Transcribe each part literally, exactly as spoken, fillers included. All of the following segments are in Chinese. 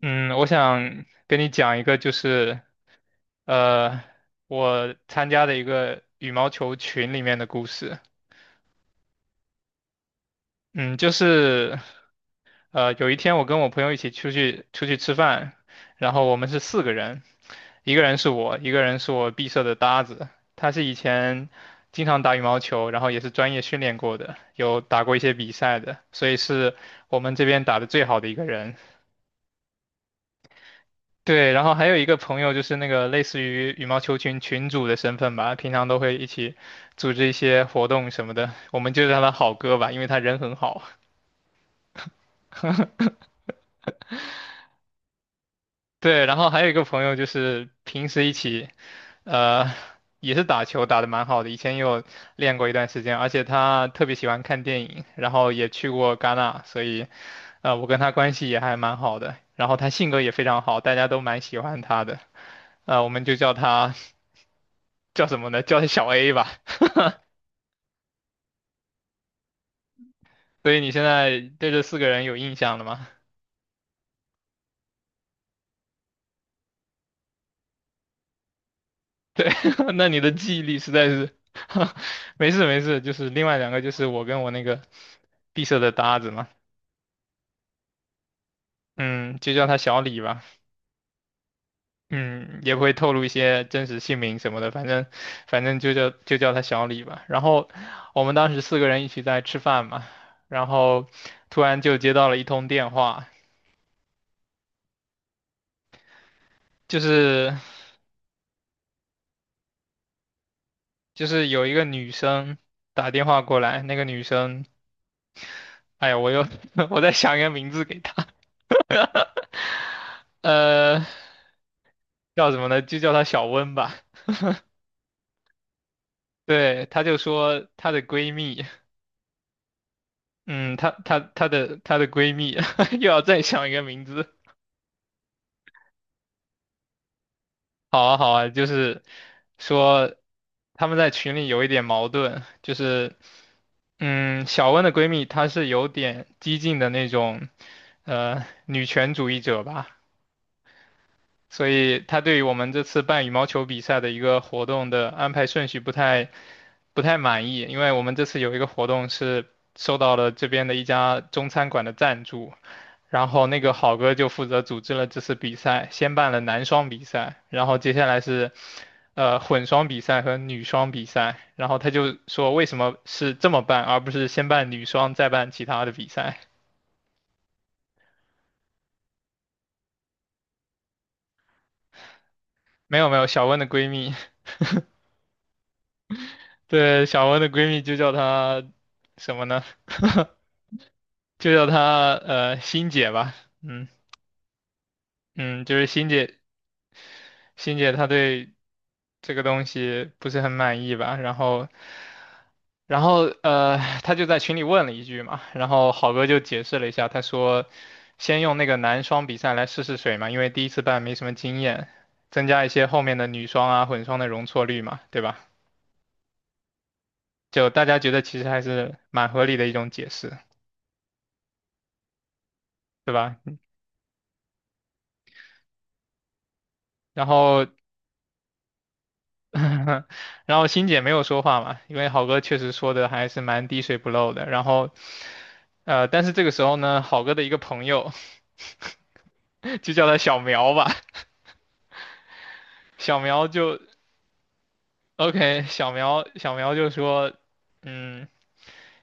嗯，我想跟你讲一个，就是呃，我参加的一个羽毛球群里面的故事。嗯，就是呃，有一天我跟我朋友一起出去出去吃饭，然后我们是四个人，一个人是我，一个人是我毕设的搭子，他是以前经常打羽毛球，然后也是专业训练过的，有打过一些比赛的，所以是我们这边打的最好的一个人。对，然后还有一个朋友就是那个类似于羽毛球群群主的身份吧，平常都会一起组织一些活动什么的，我们就叫他好哥吧，因为他人很好。对，然后还有一个朋友就是平时一起，呃，也是打球打得蛮好的，以前也有练过一段时间，而且他特别喜欢看电影，然后也去过戛纳，所以，呃，我跟他关系也还蛮好的，然后他性格也非常好，大家都蛮喜欢他的，呃，我们就叫他 叫什么呢？叫他小 A 吧。所以你现在对这四个人有印象了吗？对，那你的记忆力实在是，没事没事，就是另外两个就是我跟我那个闭塞的搭子嘛，嗯，就叫他小李吧，嗯，也不会透露一些真实姓名什么的，反正反正就叫就叫他小李吧。然后我们当时四个人一起在吃饭嘛，然后突然就接到了一通电话，就是就是有一个女生打电话过来，那个女生。哎呀，我又 我在想一个名字给她，呃，叫什么呢？就叫她小温吧。对，她就说她的闺蜜，嗯，她她她的她的闺蜜 又要再想一个名字。好啊好啊，就是说他们在群里有一点矛盾，就是嗯，小温的闺蜜她是有点激进的那种呃女权主义者吧。所以他对于我们这次办羽毛球比赛的一个活动的安排顺序不太不太满意，因为我们这次有一个活动是受到了这边的一家中餐馆的赞助，然后那个好哥就负责组织了这次比赛，先办了男双比赛，然后接下来是呃混双比赛和女双比赛，然后他就说为什么是这么办，而不是先办女双再办其他的比赛？没有没有，小温的闺蜜。对，小文的闺蜜就叫她什么呢？就叫她呃欣姐吧。嗯嗯，就是欣姐，欣姐她对这个东西不是很满意吧？然后然后呃，她就在群里问了一句嘛，然后好哥就解释了一下，他说先用那个男双比赛来试试水嘛，因为第一次办没什么经验，增加一些后面的女双啊、混双的容错率嘛，对吧？就大家觉得其实还是蛮合理的一种解释，对吧？然后 然后欣姐没有说话嘛，因为好哥确实说的还是蛮滴水不漏的。然后呃，但是这个时候呢，好哥的一个朋友 就叫他小苗吧，小苗就 OK，小苗小苗就说，嗯，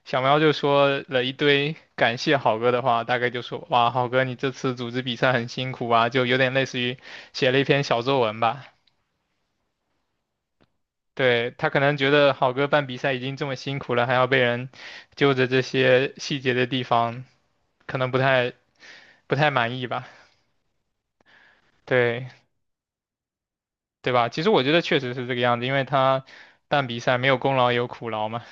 小苗就说了一堆感谢好哥的话，大概就说哇，好哥你这次组织比赛很辛苦啊，就有点类似于写了一篇小作文吧。对，他可能觉得好哥办比赛已经这么辛苦了，还要被人揪着这些细节的地方，可能不太不太满意吧？对，对吧？其实我觉得确实是这个样子，因为他办比赛没有功劳有苦劳嘛。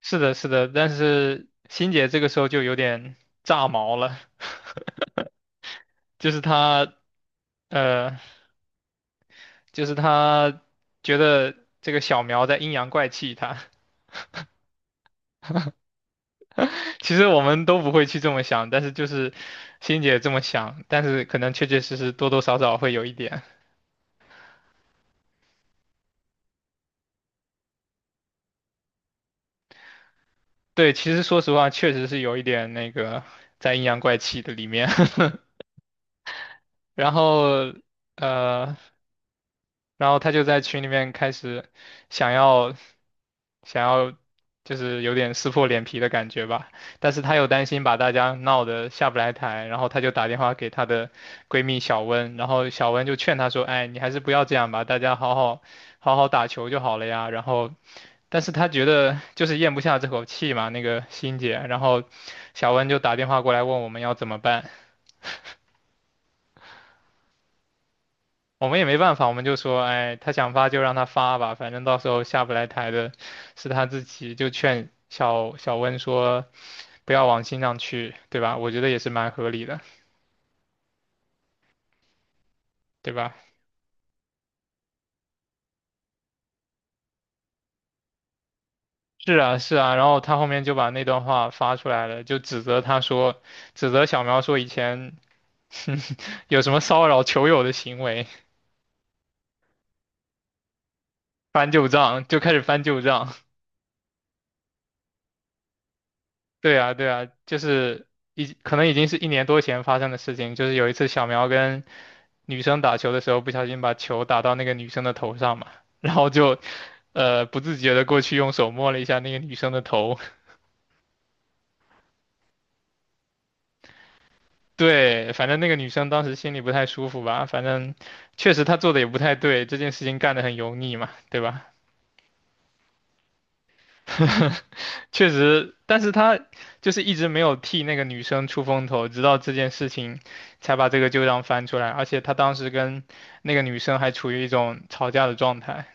是的，是的，但是欣姐这个时候就有点炸毛了，就是他，呃，就是他觉得这个小苗在阴阳怪气他。其实我们都不会去这么想，但是就是欣姐这么想，但是可能确确实实多多少少会有一点。对，其实说实话，确实是有一点那个在阴阳怪气的里面。然后呃，然后他就在群里面开始想要想要就是有点撕破脸皮的感觉吧，但是他又担心把大家闹得下不来台，然后他就打电话给她的闺蜜小温，然后小温就劝她说：“哎，你还是不要这样吧，大家好好好好打球就好了呀。”然后，但是他觉得就是咽不下这口气嘛，那个欣姐，然后小温就打电话过来问我们要怎么办。我们也没办法，我们就说，哎，他想发就让他发吧，反正到时候下不来台的是他自己，就劝小小温说不要往心上去，对吧？我觉得也是蛮合理的，对吧？是啊，是啊，然后他后面就把那段话发出来了，就指责他说，指责小苗说以前 有什么骚扰球友的行为，翻旧账，就开始翻旧账。对啊，对啊，就是已可能已经是一年多前发生的事情，就是有一次小苗跟女生打球的时候，不小心把球打到那个女生的头上嘛，然后就呃不自觉的过去用手摸了一下那个女生的头，对，反正那个女生当时心里不太舒服吧，反正确实她做的也不太对，这件事情干得很油腻嘛，对吧？确实，但是他就是一直没有替那个女生出风头，直到这件事情才把这个旧账翻出来。而且他当时跟那个女生还处于一种吵架的状态，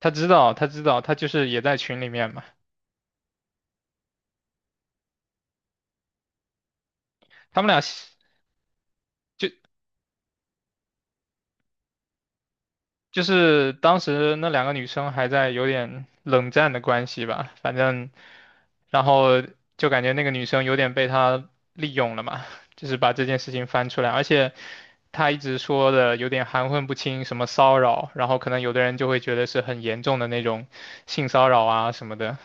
他知道，他知道，他就是也在群里面嘛。他们俩是就就是当时那两个女生还在有点冷战的关系吧，反正，然后就感觉那个女生有点被他利用了嘛，就是把这件事情翻出来，而且。他一直说的有点含混不清，什么骚扰，然后可能有的人就会觉得是很严重的那种性骚扰啊什么的。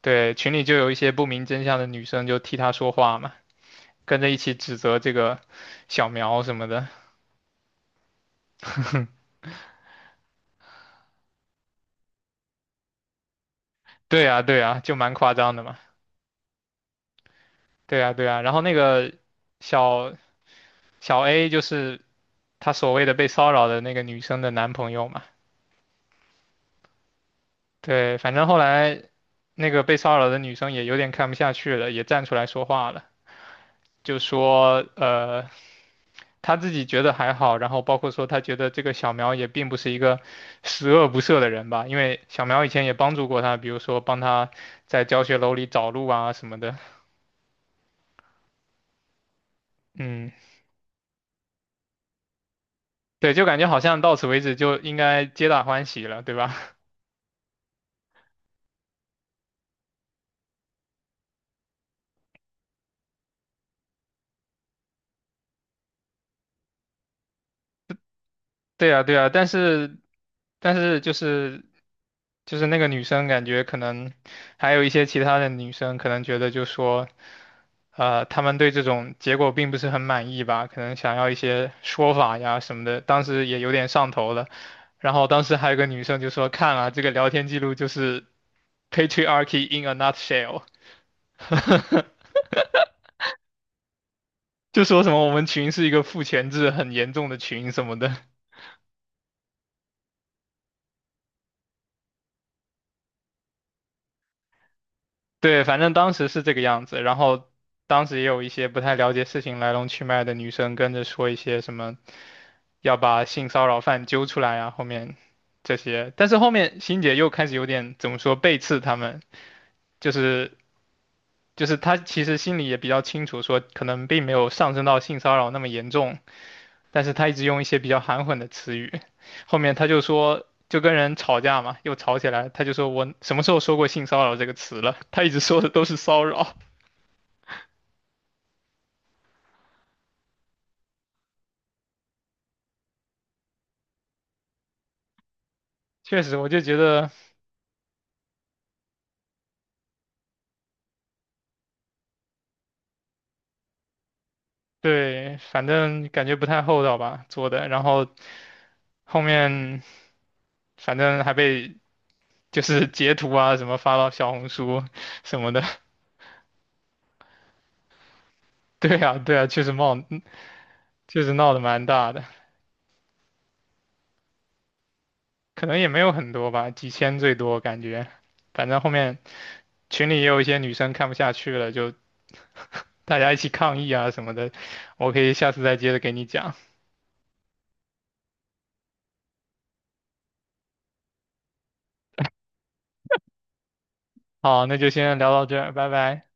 对，群里就有一些不明真相的女生就替他说话嘛，跟着一起指责这个小苗什么的。对啊，对啊，就蛮夸张的嘛。对啊，对啊。然后那个小小 A 就是他所谓的被骚扰的那个女生的男朋友嘛。对，反正后来那个被骚扰的女生也有点看不下去了，也站出来说话了，就说呃。他自己觉得还好，然后包括说他觉得这个小苗也并不是一个十恶不赦的人吧，因为小苗以前也帮助过他，比如说帮他在教学楼里找路啊什么的。嗯，对，就感觉好像到此为止就应该皆大欢喜了，对吧？对呀，对呀，但是，但是，就是就是那个女生感觉可能还有一些其他的女生可能觉得就说，呃，她们对这种结果并不是很满意吧，可能想要一些说法呀什么的，当时也有点上头了。然后当时还有个女生就说，看啊，这个聊天记录就是 patriarchy in a nutshell，就说什么我们群是一个父权制很严重的群什么的。对，反正当时是这个样子，然后当时也有一些不太了解事情来龙去脉的女生跟着说一些什么要把性骚扰犯揪出来啊，后面这些，但是后面欣姐又开始有点怎么说背刺他们，就是就是她其实心里也比较清楚，说可能并没有上升到性骚扰那么严重，但是她一直用一些比较含混的词语，后面她就说。就跟人吵架嘛，又吵起来，她就说我什么时候说过性骚扰这个词了？她一直说的都是骚扰。确实，我就觉得对，反正感觉不太厚道吧做的，然后后面反正还被就是截图啊什么发到小红书什么的。对啊，对啊，确实冒，确实闹得蛮大的，可能也没有很多吧，几千最多感觉。反正后面群里也有一些女生看不下去了，就大家一起抗议啊什么的。我可以下次再接着给你讲。好，那就先聊到这儿，拜拜。